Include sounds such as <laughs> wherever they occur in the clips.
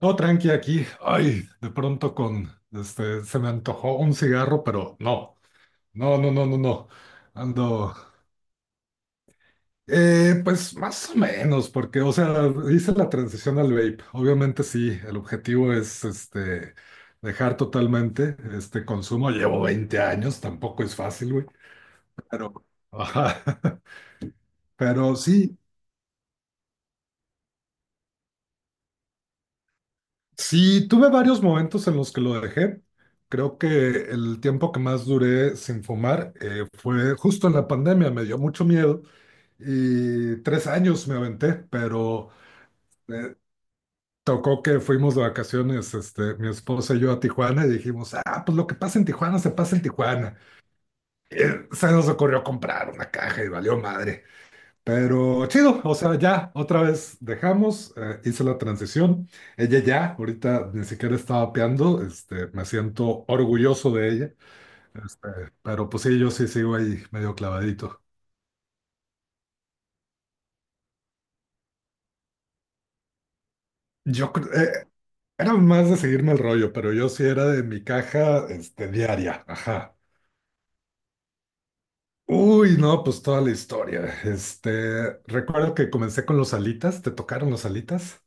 No, tranqui aquí. Ay, de pronto con, se me antojó un cigarro, pero no, no, no, no, no, no. Ando, pues más o menos, porque, o sea, hice la transición al vape. Obviamente sí, el objetivo es, dejar totalmente este consumo. Llevo 20 años, tampoco es fácil, güey. Pero, ajá. <laughs> Pero sí. Sí, tuve varios momentos en los que lo dejé. Creo que el tiempo que más duré sin fumar fue justo en la pandemia, me dio mucho miedo y 3 años me aventé, pero eh, tocó que fuimos de vacaciones, mi esposa y yo a Tijuana y dijimos, ah, pues lo que pasa en Tijuana se pasa en Tijuana. Se nos ocurrió comprar una caja y valió madre. Pero chido, o sea, ya otra vez dejamos, hice la transición. Ella ya, ahorita ni siquiera está vapeando, me siento orgulloso de ella, este, pero pues sí, yo sí sigo ahí medio clavadito. Yo cre- eh, Era más de seguirme el rollo, pero yo sí era de mi caja, diaria, ajá. Uy, no, pues toda la historia. Recuerdo que comencé con los alitas. ¿Te tocaron los alitas?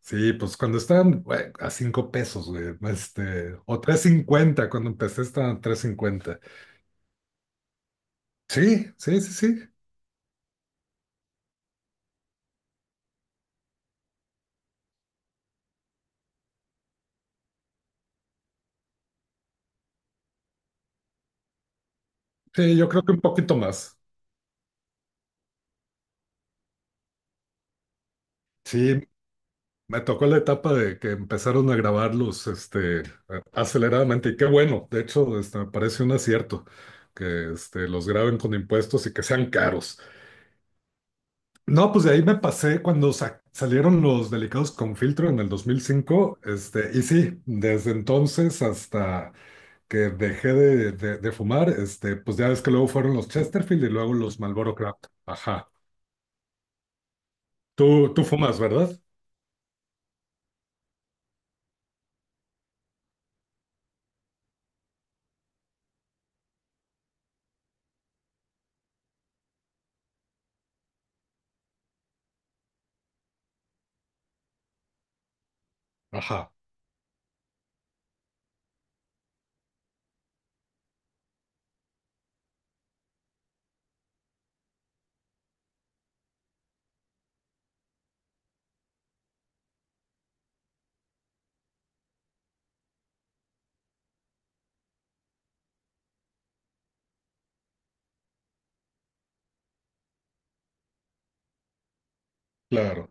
Sí, pues cuando estaban güey, a 5 pesos, güey, o tres cincuenta cuando empecé estaban a tres cincuenta. Sí, sí, sí, sí. Sí, yo creo que un poquito más. Sí, me tocó la etapa de que empezaron a grabarlos, aceleradamente, y qué bueno. De hecho, me parece un acierto que los graben con impuestos y que sean caros. No, pues de ahí me pasé cuando salieron los Delicados con Filtro en el 2005, y sí, desde entonces hasta que dejé de fumar, pues ya ves que luego fueron los Chesterfield y luego los Marlboro Craft. Ajá. Tú fumas, ¿verdad? Ajá, claro.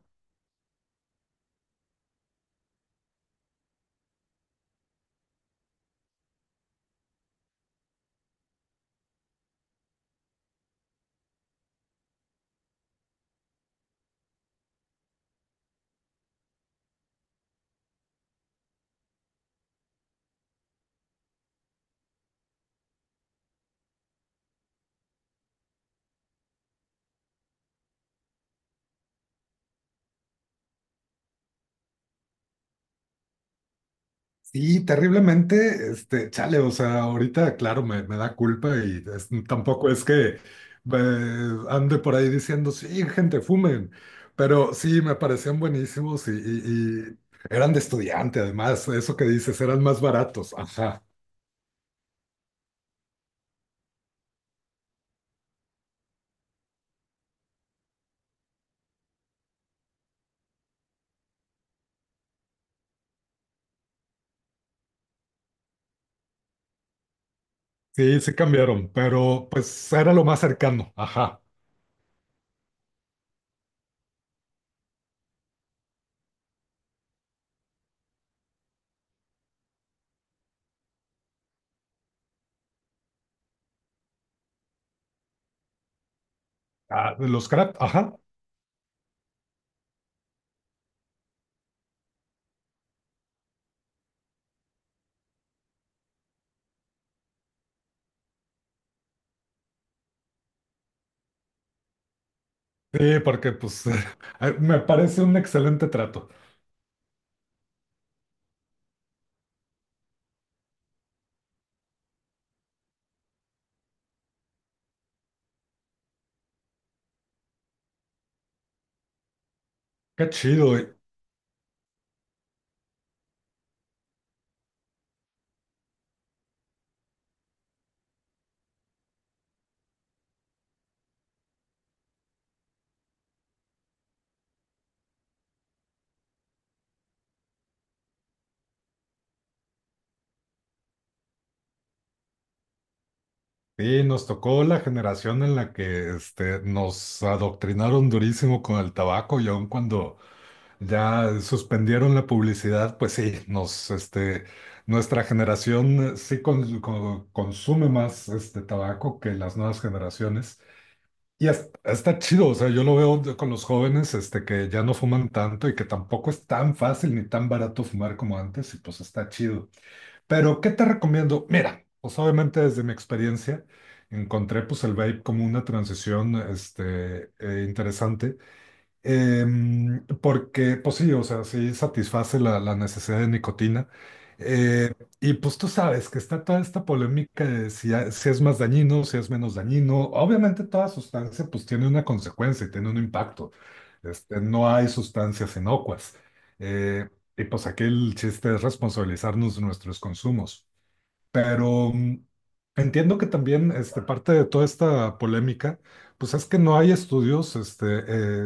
Y terriblemente, chale, o sea, ahorita, claro, me da culpa y tampoco es que ande por ahí diciendo, sí, gente, fumen. Pero sí, me parecían buenísimos y eran de estudiante, además, eso que dices, eran más baratos. Ajá. Sí, sí cambiaron, pero pues era lo más cercano. Ajá. Ah, de los crap, ajá. Sí, porque pues <laughs> me parece un excelente trato. Qué chido. Sí, nos tocó la generación en la que nos adoctrinaron durísimo con el tabaco y aun cuando ya suspendieron la publicidad, pues sí, nuestra generación sí consume más este tabaco que las nuevas generaciones. Y está chido, o sea, yo lo veo con los jóvenes, que ya no fuman tanto y que tampoco es tan fácil ni tan barato fumar como antes, y pues está chido. Pero, ¿qué te recomiendo? Mira, pues obviamente desde mi experiencia encontré pues el vape como una transición, interesante. Porque, pues sí, o sea, sí satisface la necesidad de nicotina. Eh, y pues tú sabes que está toda esta polémica de si es más dañino, si es menos dañino. Obviamente toda sustancia pues tiene una consecuencia y tiene un impacto. No hay sustancias inocuas. Eh, y pues aquí el chiste es responsabilizarnos de nuestros consumos. Pero entiendo que también parte de toda esta polémica, pues es que no hay estudios este,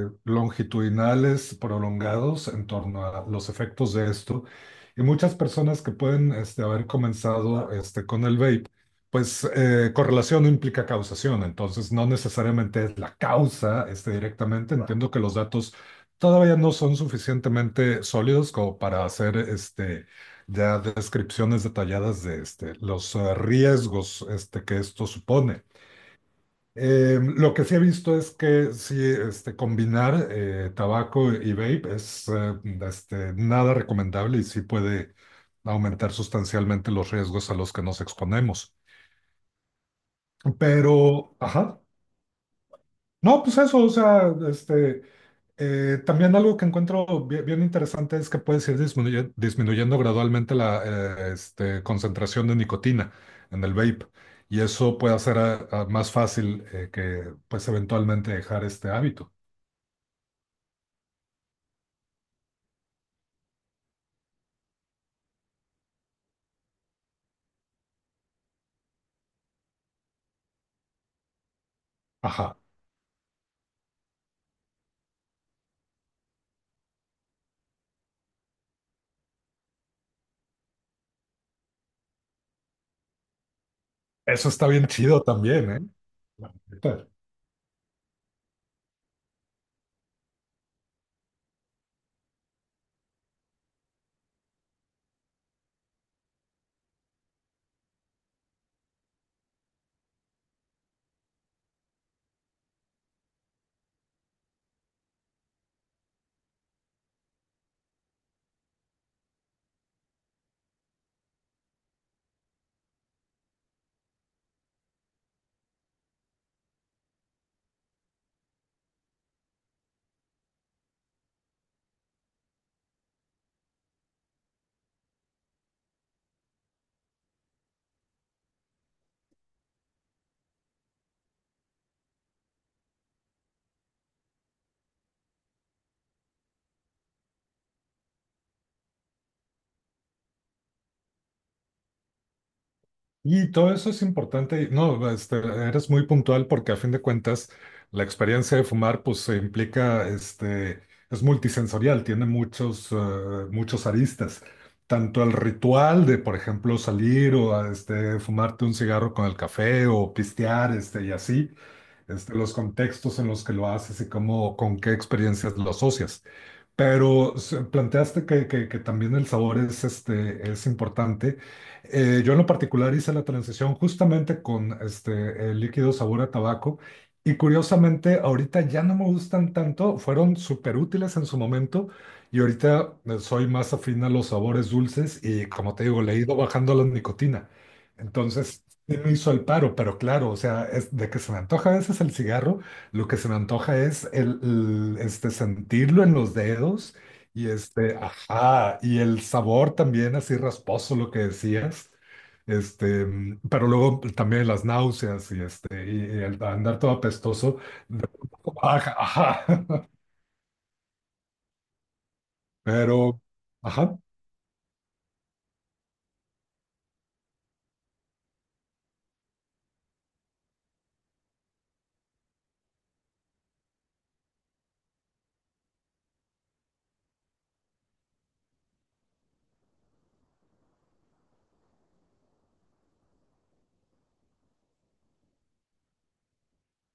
eh, longitudinales prolongados en torno a los efectos de esto. Y muchas personas que pueden haber comenzado con el vape, pues correlación no implica causación, entonces no necesariamente es la causa directamente. Entiendo que los datos todavía no son suficientemente sólidos como para hacer ya descripciones detalladas de los riesgos que esto supone. Lo que sí he visto es que sí, combinar tabaco y vape es nada recomendable y sí puede aumentar sustancialmente los riesgos a los que nos exponemos. Pero, ajá, no, pues eso, o sea, también algo que encuentro bien, interesante es que puedes ir disminuyendo gradualmente la concentración de nicotina en el vape y eso puede hacer más fácil que pues eventualmente dejar este hábito. Ajá, eso está bien chido también, ¿eh? La neta. Y todo eso es importante. No, eres muy puntual porque a fin de cuentas la experiencia de fumar pues se implica, es multisensorial, tiene muchos aristas. Tanto el ritual de, por ejemplo, salir o fumarte un cigarro con el café o pistear, y así, los contextos en los que lo haces y cómo, con qué experiencias lo asocias. Pero planteaste que también el sabor es importante. Yo en lo particular hice la transición justamente con el líquido sabor a tabaco y curiosamente ahorita ya no me gustan tanto, fueron súper útiles en su momento y ahorita soy más afín a los sabores dulces y, como te digo, le he ido bajando la nicotina. Entonces, sí me hizo el paro, pero claro, o sea, es de que se me antoja a veces el cigarro. Lo que se me antoja es el sentirlo en los dedos y ajá, y el sabor también así rasposo, lo que decías. Pero luego también las náuseas y y el andar todo apestoso. de- <laughs> Ajá, ajá. Pero, ajá.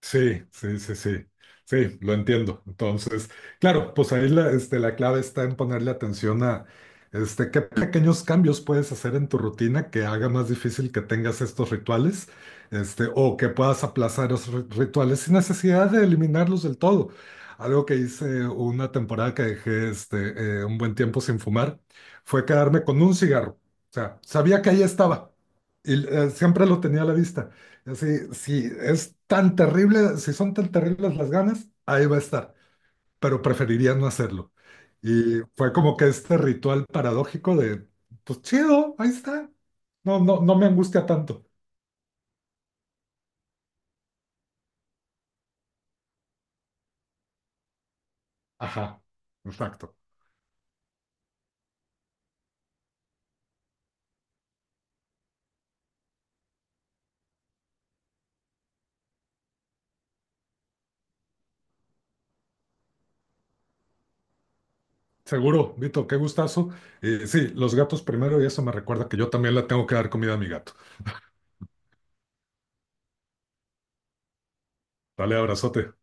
Sí, sí, sí, sí, sí, lo entiendo. Entonces, claro, pues ahí la clave está en ponerle atención a qué pequeños cambios puedes hacer en tu rutina que haga más difícil que tengas estos rituales, o que puedas aplazar esos rituales sin necesidad de eliminarlos del todo. Algo que hice una temporada que dejé un buen tiempo sin fumar fue quedarme con un cigarro. O sea, sabía que ahí estaba y siempre lo tenía a la vista. Si es tan terrible, si son tan terribles las ganas, ahí va a estar, pero preferiría no hacerlo. Y fue como que este ritual paradójico de, pues chido, ahí está. No, no, no me angustia tanto. Ajá, exacto. Seguro, Vito, qué gustazo. Y sí, los gatos primero, y eso me recuerda que yo también le tengo que dar comida a mi gato. Dale, abrazote.